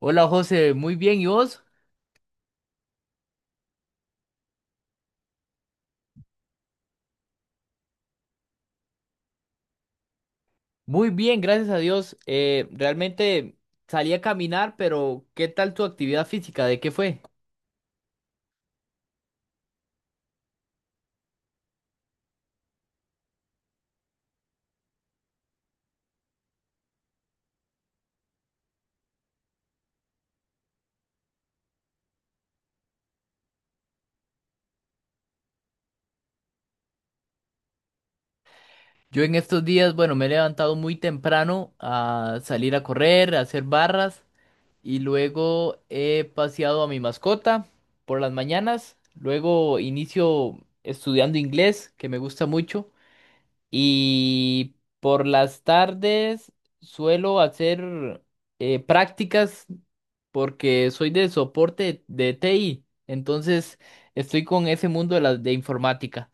Hola José, muy bien, ¿y vos? Muy bien, gracias a Dios. Realmente salí a caminar, pero ¿qué tal tu actividad física? ¿De qué fue? Yo en estos días, bueno, me he levantado muy temprano a salir a correr, a hacer barras y luego he paseado a mi mascota por las mañanas. Luego inicio estudiando inglés, que me gusta mucho. Y por las tardes suelo hacer prácticas porque soy de soporte de TI. Entonces estoy con ese mundo de la de informática.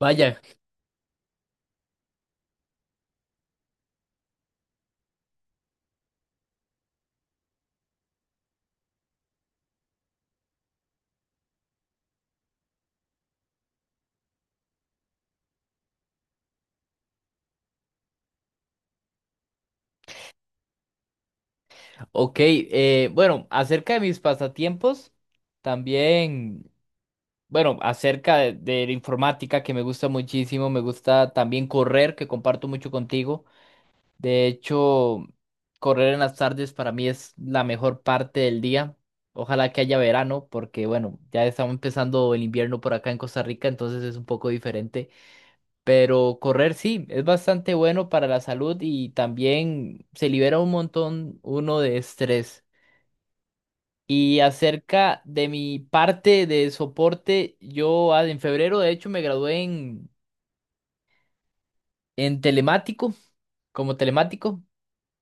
Vaya, ok. Bueno, acerca de mis pasatiempos, también, bueno, acerca de la informática que me gusta muchísimo, me gusta también correr, que comparto mucho contigo. De hecho, correr en las tardes para mí es la mejor parte del día. Ojalá que haya verano, porque bueno, ya estamos empezando el invierno por acá en Costa Rica, entonces es un poco diferente. Pero correr sí, es bastante bueno para la salud y también se libera un montón uno de estrés. Y acerca de mi parte de soporte, yo en febrero de hecho me gradué en telemático, como telemático.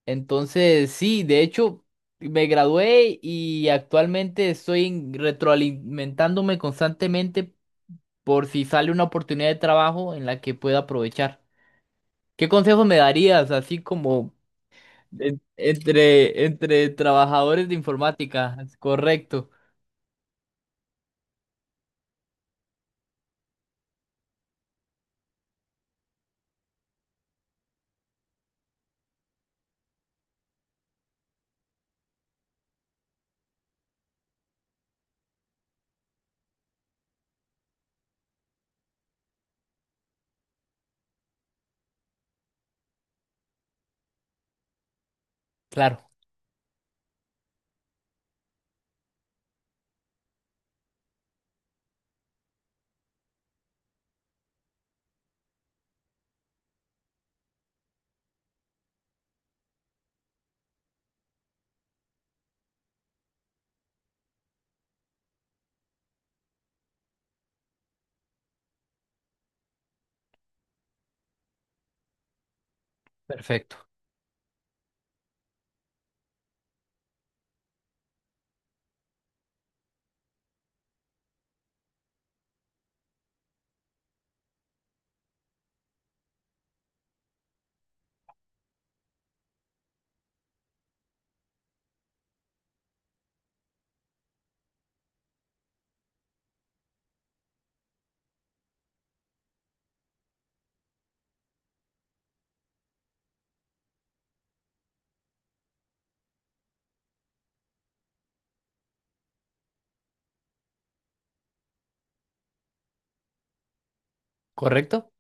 Entonces, sí, de hecho, me gradué y actualmente estoy retroalimentándome constantemente por si sale una oportunidad de trabajo en la que pueda aprovechar. ¿Qué consejos me darías, así como entre trabajadores de informática? Correcto, claro, perfecto, correcto.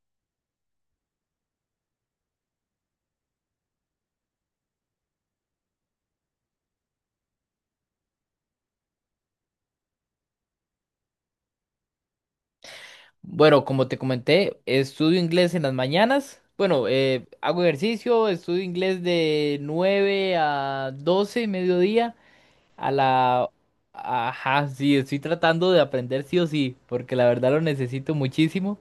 Bueno, como te comenté, estudio inglés en las mañanas. Bueno, hago ejercicio, estudio inglés de 9 a 12, mediodía. A la... Ajá, sí, estoy tratando de aprender sí o sí, porque la verdad lo necesito muchísimo.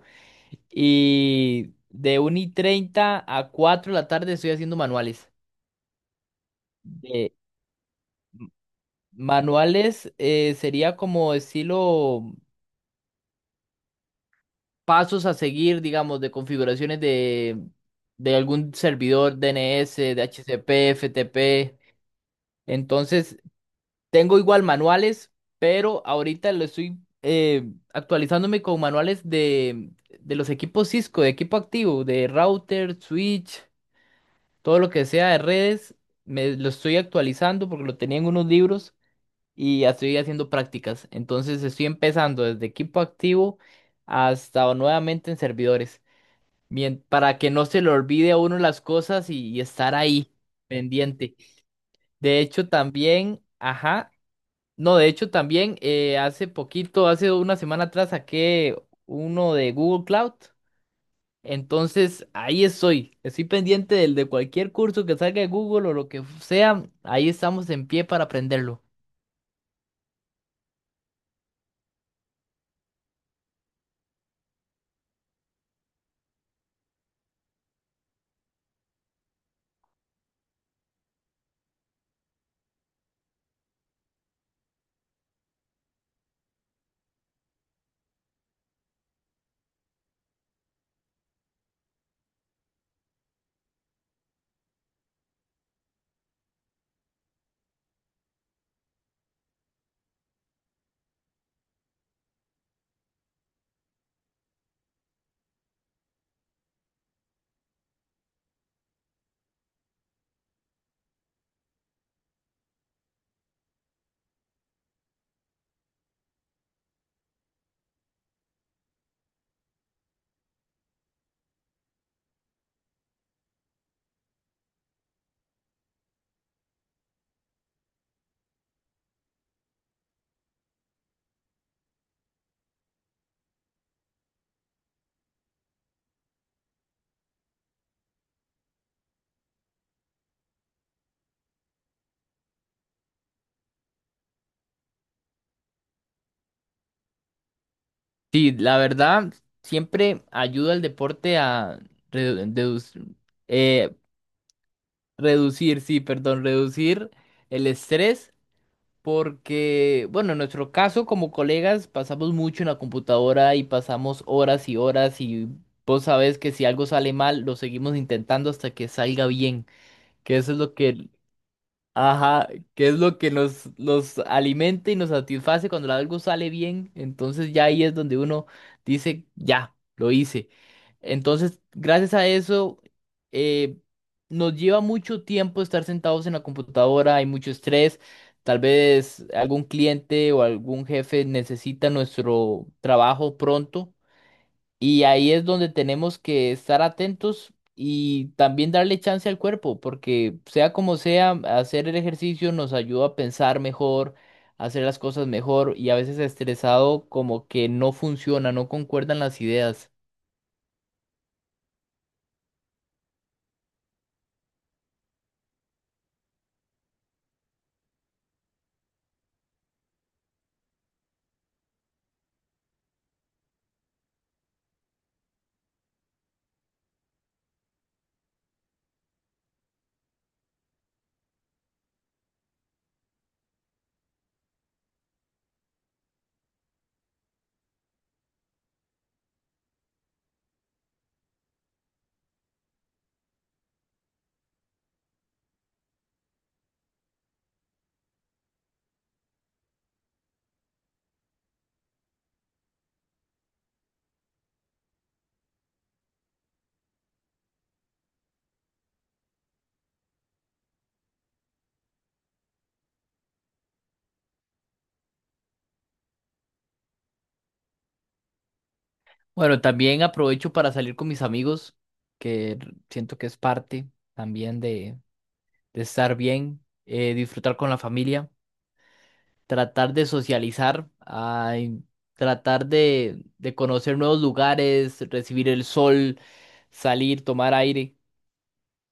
Y de 1 y 30 a 4 de la tarde estoy haciendo manuales. De manuales sería como estilo pasos a seguir, digamos, de configuraciones de algún servidor DNS, de DHCP, FTP. Entonces, tengo igual manuales, pero ahorita lo estoy actualizándome con manuales de los equipos Cisco, de equipo activo, de router, switch, todo lo que sea de redes. Me lo estoy actualizando porque lo tenía en unos libros y ya estoy haciendo prácticas. Entonces estoy empezando desde equipo activo hasta nuevamente en servidores. Bien, para que no se le olvide a uno las cosas y estar ahí pendiente. De hecho, también, ajá. No, de hecho también hace poquito, hace una semana atrás saqué uno de Google Cloud. Entonces ahí estoy. Estoy pendiente del de cualquier curso que salga de Google o lo que sea. Ahí estamos en pie para aprenderlo. Sí, la verdad, siempre ayuda el deporte a redu- deduc- eh, reducir, sí, perdón, reducir el estrés. Porque, bueno, en nuestro caso como colegas pasamos mucho en la computadora y pasamos horas y horas y vos sabés que si algo sale mal lo seguimos intentando hasta que salga bien, que eso es lo que ajá, que es lo que nos, nos alimenta y nos satisface cuando algo sale bien. Entonces ya ahí es donde uno dice, ya, lo hice. Entonces, gracias a eso, eh, nos lleva mucho tiempo estar sentados en la computadora, hay mucho estrés. Tal vez algún cliente o algún jefe necesita nuestro trabajo pronto. Y ahí es donde tenemos que estar atentos y también darle chance al cuerpo, porque sea como sea, hacer el ejercicio nos ayuda a pensar mejor, a hacer las cosas mejor y a veces estresado como que no funciona, no concuerdan las ideas. Bueno, también aprovecho para salir con mis amigos, que siento que es parte también de estar bien, disfrutar con la familia. Tratar de socializar, tratar de conocer nuevos lugares, recibir el sol, salir, tomar aire,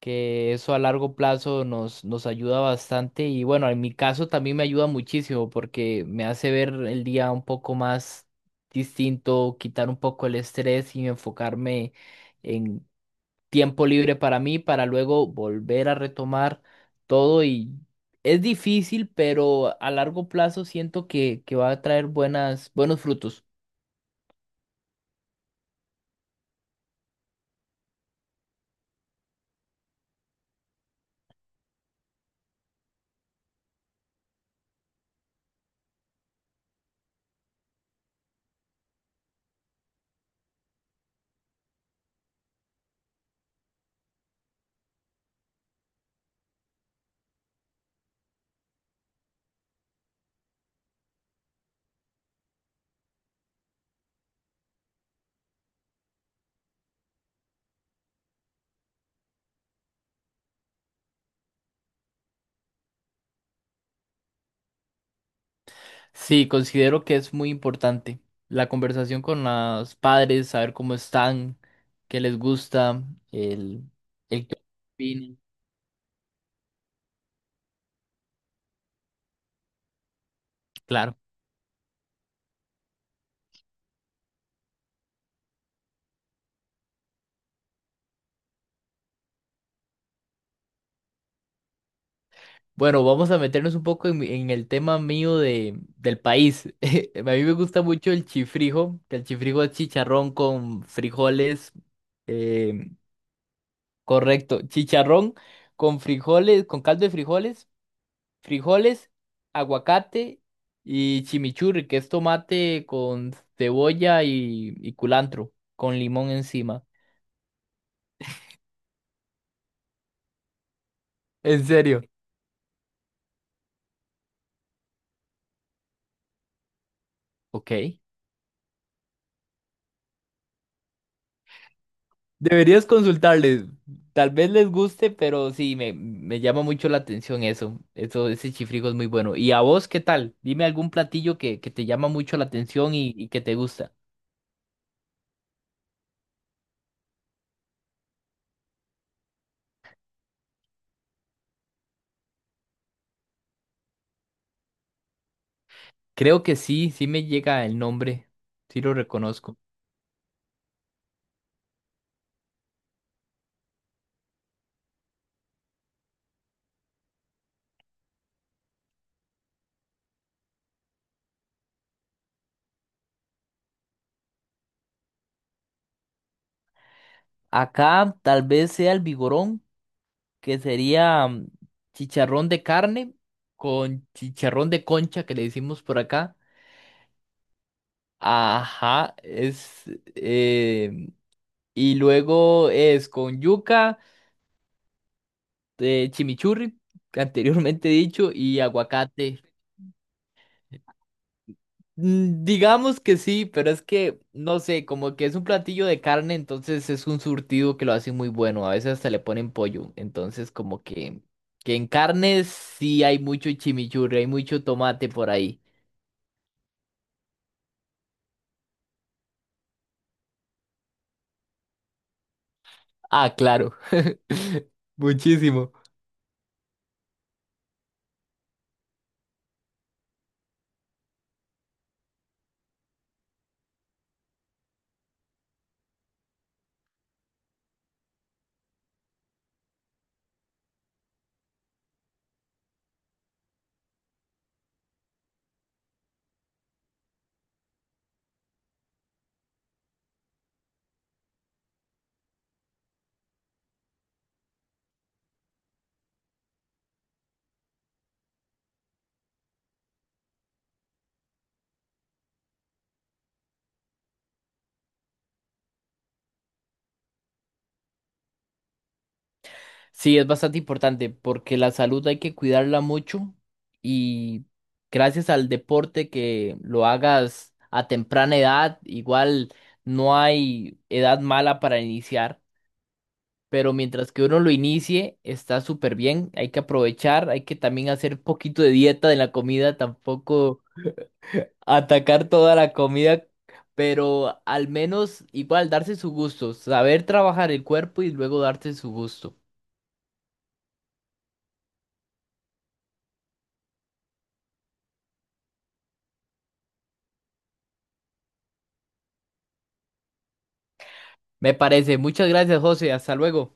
que eso a largo plazo nos ayuda bastante y bueno, en mi caso también me ayuda muchísimo porque me hace ver el día un poco más distinto, quitar un poco el estrés y enfocarme tiempo libre para mí para luego volver a retomar todo y es difícil, pero a largo plazo siento que va a traer buenos frutos. Sí, considero que es muy importante la conversación con los padres, saber cómo están, qué les gusta, el, el qué opinan. Claro. Bueno, vamos a meternos un poco en, en el tema mío del país. A mí me gusta mucho el chifrijo, que el chifrijo es chicharrón con frijoles, eh, correcto, chicharrón con frijoles, con caldo de frijoles, frijoles, aguacate y chimichurri, que es tomate con cebolla y culantro, con limón encima. ¿En serio? Ok. Deberías consultarles. Tal vez les guste, pero sí, me llama mucho la atención eso. Eso, ese chifrijo es muy bueno. ¿Y a vos qué tal? Dime algún platillo que te llama mucho la atención y que te gusta. Creo que sí, sí me llega el nombre. Sí lo reconozco. Acá tal vez sea el vigorón, que sería chicharrón de carne con chicharrón de concha, que le decimos por acá. Ajá, es... eh, y luego es con yuca. Chimichurri, anteriormente dicho, y aguacate. Mm, digamos que sí, pero es que, no sé, como que es un platillo de carne, entonces es un surtido que lo hace muy bueno. A veces hasta le ponen pollo. Entonces, como que, en carnes sí hay mucho chimichurri, hay mucho tomate por ahí. Ah, claro. Muchísimo. Sí, es bastante importante porque la salud hay que cuidarla mucho y gracias al deporte que lo hagas a temprana edad, igual no hay edad mala para iniciar, pero mientras que uno lo inicie está súper bien, hay que aprovechar, hay que también hacer un poquito de dieta de la comida, tampoco atacar toda la comida, pero al menos igual darse su gusto, saber trabajar el cuerpo y luego darse su gusto. Me parece. Muchas gracias, José. Hasta luego.